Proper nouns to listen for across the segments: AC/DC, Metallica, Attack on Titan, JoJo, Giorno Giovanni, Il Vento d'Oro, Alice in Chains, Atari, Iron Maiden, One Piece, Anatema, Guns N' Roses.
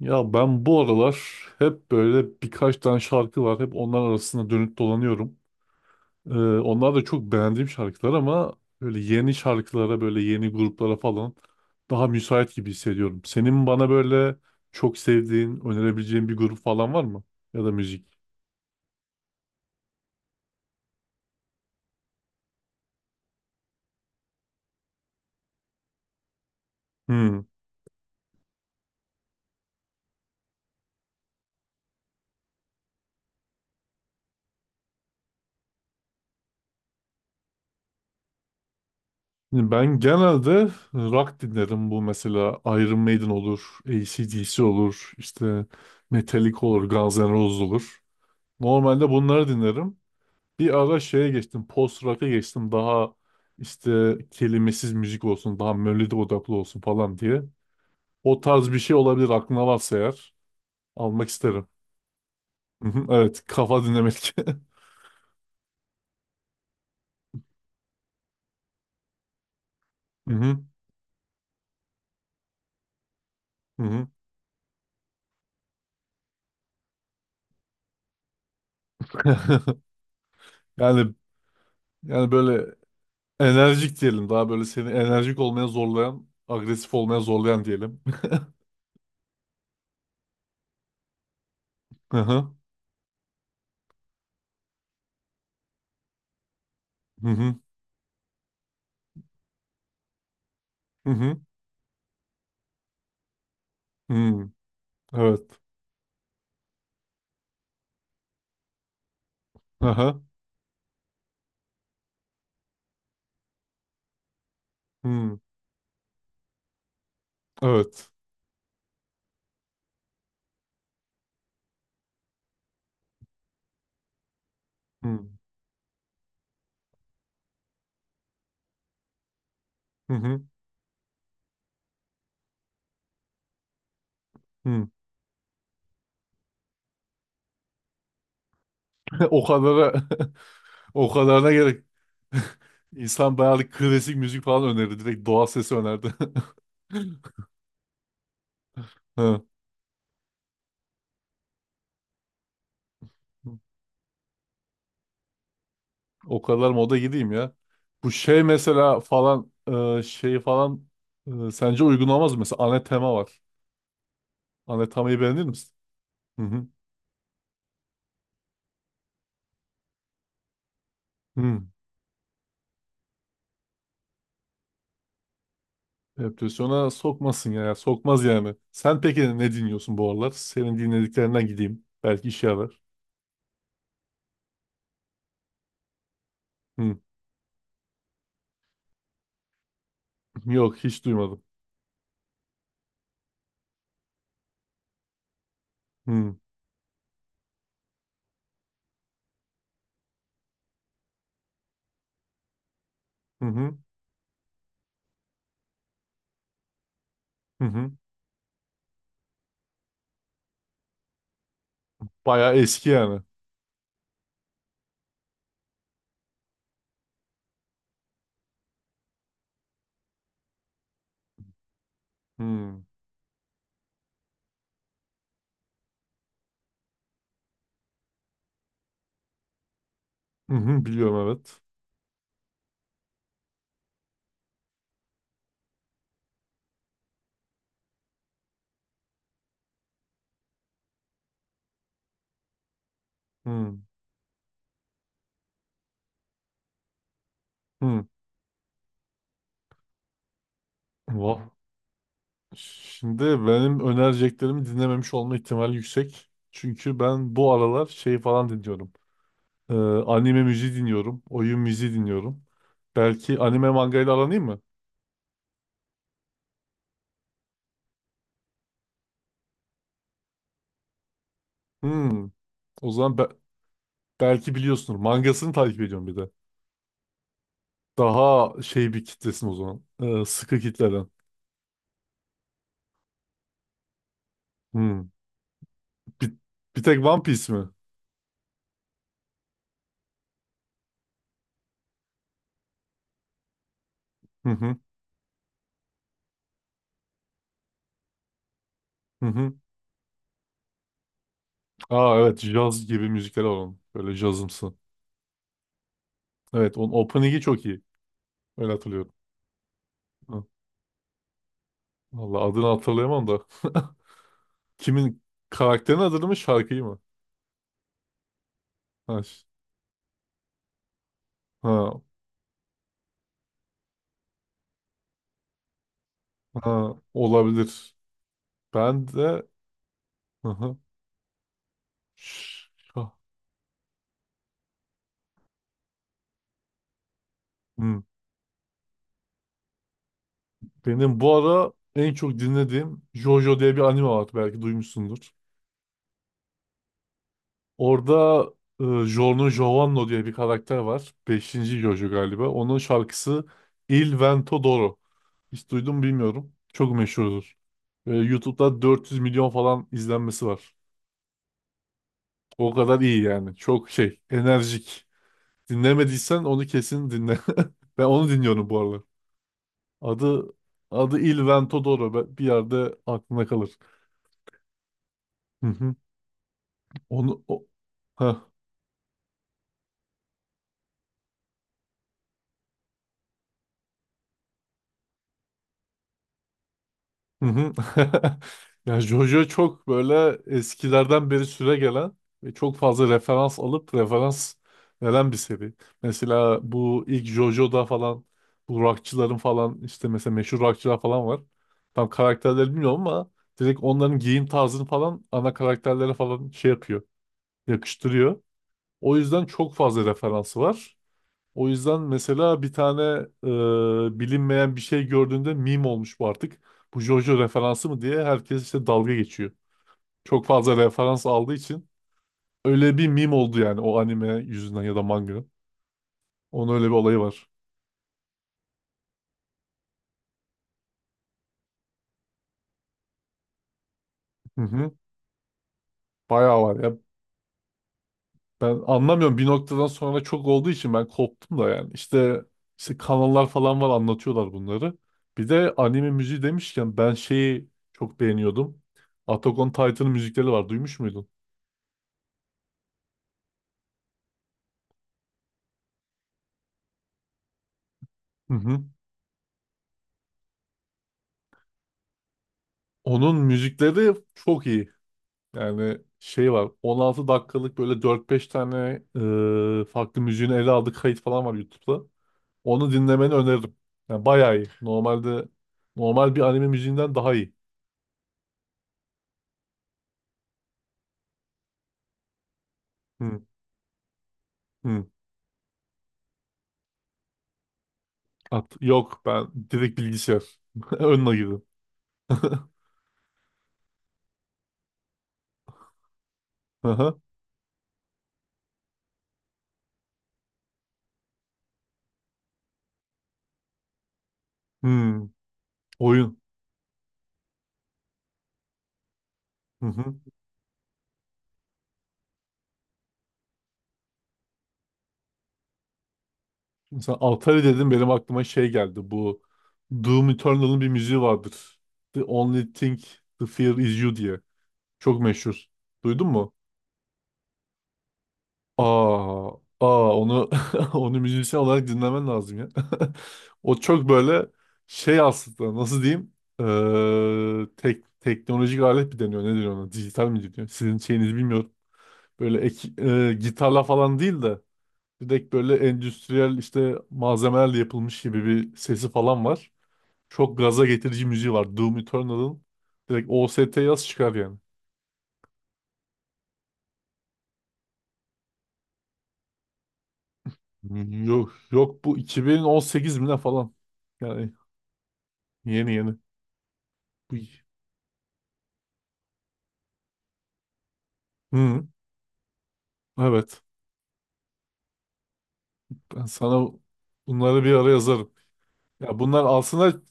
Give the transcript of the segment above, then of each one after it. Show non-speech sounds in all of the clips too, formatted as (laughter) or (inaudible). Ya ben bu aralar hep böyle birkaç tane şarkı var. Hep onlar arasında dönüp dolanıyorum. Ee, onlar da çok beğendiğim şarkılar ama böyle yeni şarkılara, böyle yeni gruplara falan daha müsait gibi hissediyorum. Senin bana böyle çok sevdiğin, önerebileceğin bir grup falan var mı? Ya da müzik. Hmm. Şimdi ben genelde rock dinlerim. Bu mesela Iron Maiden olur, AC/DC olur, işte Metallica olur, Guns N' Roses olur. Normalde bunları dinlerim. Bir ara şeye geçtim. Post rock'a geçtim. Daha işte kelimesiz müzik olsun. Daha melodi odaklı olsun falan diye. O tarz bir şey olabilir aklına varsa eğer. Almak isterim. Hı hı, evet. Kafa dinlemek. (laughs) Hı hı, hı hı. (laughs) Yani yani böyle enerjik diyelim. Daha böyle seni enerjik olmaya zorlayan, agresif olmaya zorlayan diyelim. (laughs) Hı hı, hı hı, hı hı, hı. Evet. Hı hı, hı. Evet. Hı hı, hı. (laughs) O kadar. (laughs) O kadarına gerek. (laughs) İnsan bayağı da klasik müzik falan önerdi. Direkt doğal sesi önerdi. (laughs) Ha. O kadar moda gideyim ya. Bu şey mesela falan şey falan sence uygun olmaz mı? Mesela Anatema var. Anatema'yı beğenir misin? Hı hı. Hı. Depresyona sokmasın ya. Sokmaz yani. Sen peki ne dinliyorsun bu aralar? Senin dinlediklerinden gideyim. Belki işe yarar. Hı. Yok, hiç duymadım. Hı. Hı hı. Hı hı. Bayağı eski yani. Hı. Hı hı, biliyorum evet. Hı hı. Va- Şimdi benim önereceklerimi dinlememiş olma ihtimali yüksek. Çünkü ben bu aralar şey falan dinliyorum. Ee, anime müziği dinliyorum. Oyun müziği dinliyorum. Belki anime mangayla aranayım mı? Hı. O zaman belki biliyorsunuz. Mangasını takip ediyorum bir de. Daha şey bir kitlesin o zaman. Sıkı kitleden. Hı. Bir, bir tek One Piece mi? Hı hı. Hı hı. Aa evet. Jazz gibi müzikler alalım. Böyle jazımsı. Evet, onun opening'i çok iyi. Öyle hatırlıyorum. Hı. Vallahi adını hatırlayamam da. (laughs) Kimin karakterin adını mı şarkıyı mı? Ha, ş- ha, ha, olabilir. Ben de hı hı. Ş- ha, hı. Benim bu ara en çok dinlediğim JoJo diye bir anime var. Belki duymuşsundur. Orada Giorno Giovanni diye bir karakter var. Beşinci JoJo galiba. Onun şarkısı Il Vento d'Oro. Hiç duydum mu bilmiyorum. Çok meşhurdur. Ve YouTube'da 400 milyon falan izlenmesi var. O kadar iyi yani. Çok şey, enerjik. Dinlemediysen onu kesin dinle. (laughs) Ben onu dinliyorum bu aralar. Adı adı Il Vento d'Oro. Bir yerde aklına kalır. Hı hı. Onu o... Heh. Hı hı. (laughs) Ya Jojo çok böyle eskilerden beri süre gelen ve çok fazla referans alıp referans veren bir seri. Mesela bu ilk Jojo'da falan bu rockçıların falan işte mesela meşhur rockçılar falan var. Tam karakterleri bilmiyorum ama direkt onların giyim tarzını falan ana karakterlere falan şey yapıyor, yakıştırıyor. O yüzden çok fazla referansı var. O yüzden mesela bir tane bilinmeyen bir şey gördüğünde meme olmuş bu artık. Bu JoJo referansı mı diye herkes işte dalga geçiyor. Çok fazla referans aldığı için öyle bir meme oldu yani o anime yüzünden ya da manga. Onun öyle bir olayı var. Hı hı. Bayağı var ya. Ben anlamıyorum bir noktadan sonra çok olduğu için ben koptum da yani. İşte, işte kanallar falan var anlatıyorlar bunları. Bir de anime müziği demişken ben şeyi çok beğeniyordum. Attack on Titan'ın müzikleri var. Duymuş muydun? Hı hı. Onun müzikleri çok iyi. Yani şey var 16 dakikalık böyle 4-5 tane farklı müziğini ele aldığı kayıt falan var YouTube'da. Onu dinlemeni öneririm. Yani bayağı iyi. Normal bir anime müziğinden daha iyi. Hı, hı. At. Yok, ben direkt bilgisayar. (laughs) Önüne girdim. (laughs) Aha. Hmm. Oyun. Hı hı. Mesela Atari dedim benim aklıma şey geldi. Bu Doom Eternal'ın bir müziği vardır. The only thing the fear is you diye. Çok meşhur. Duydun mu? Aa, aa, onu (laughs) onu müzisyen olarak dinlemen lazım ya. (laughs) O çok böyle şey aslında nasıl diyeyim? Teknolojik alet mi deniyor? Ne deniyor ona? Dijital mi deniyor? Sizin şeyinizi bilmiyorum. Böyle gitarla falan değil de direkt böyle endüstriyel işte malzemelerle yapılmış gibi bir sesi falan var. Çok gaza getirici müziği var. Doom Eternal'ın direkt OST yaz çıkar yani. Hmm, yok yok bu 2018 mi ne falan. Yani yeni yeni. Bu... Hı, evet. Ben sana bunları bir ara yazarım. Ya bunlar aslında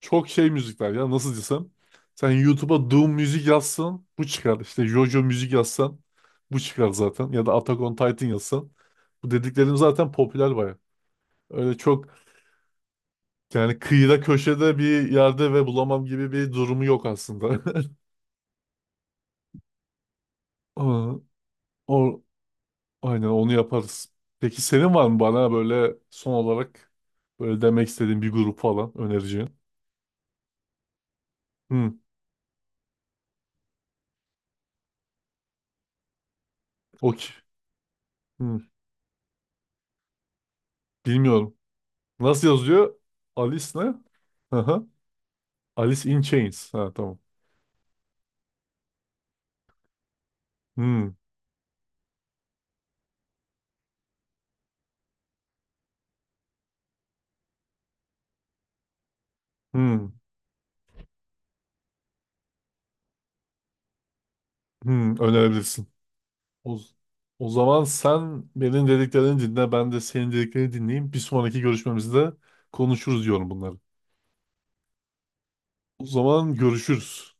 çok şey müzikler ya nasıl desem. Sen YouTube'a Doom müzik yazsan bu çıkar. İşte JoJo müzik yazsan bu çıkar zaten. Ya da Attack on Titan yazsan. Bu dediklerim zaten popüler baya. Öyle çok yani kıyıda köşede bir yerde ve bulamam gibi bir durumu yok aslında. (laughs) Aa, O, aynen onu yaparız. Peki senin var mı bana böyle son olarak böyle demek istediğin bir grup falan önereceğin? Hı, okey. Hı, bilmiyorum. Nasıl yazıyor? Alice ne? Aha. Alice in Chains. Ha tamam. Hı, hı, hı, önerebilirsin. O, o zaman sen benim dediklerini dinle, ben de senin dediklerini dinleyeyim. Bir sonraki görüşmemizde konuşuruz diyorum bunları. O zaman görüşürüz.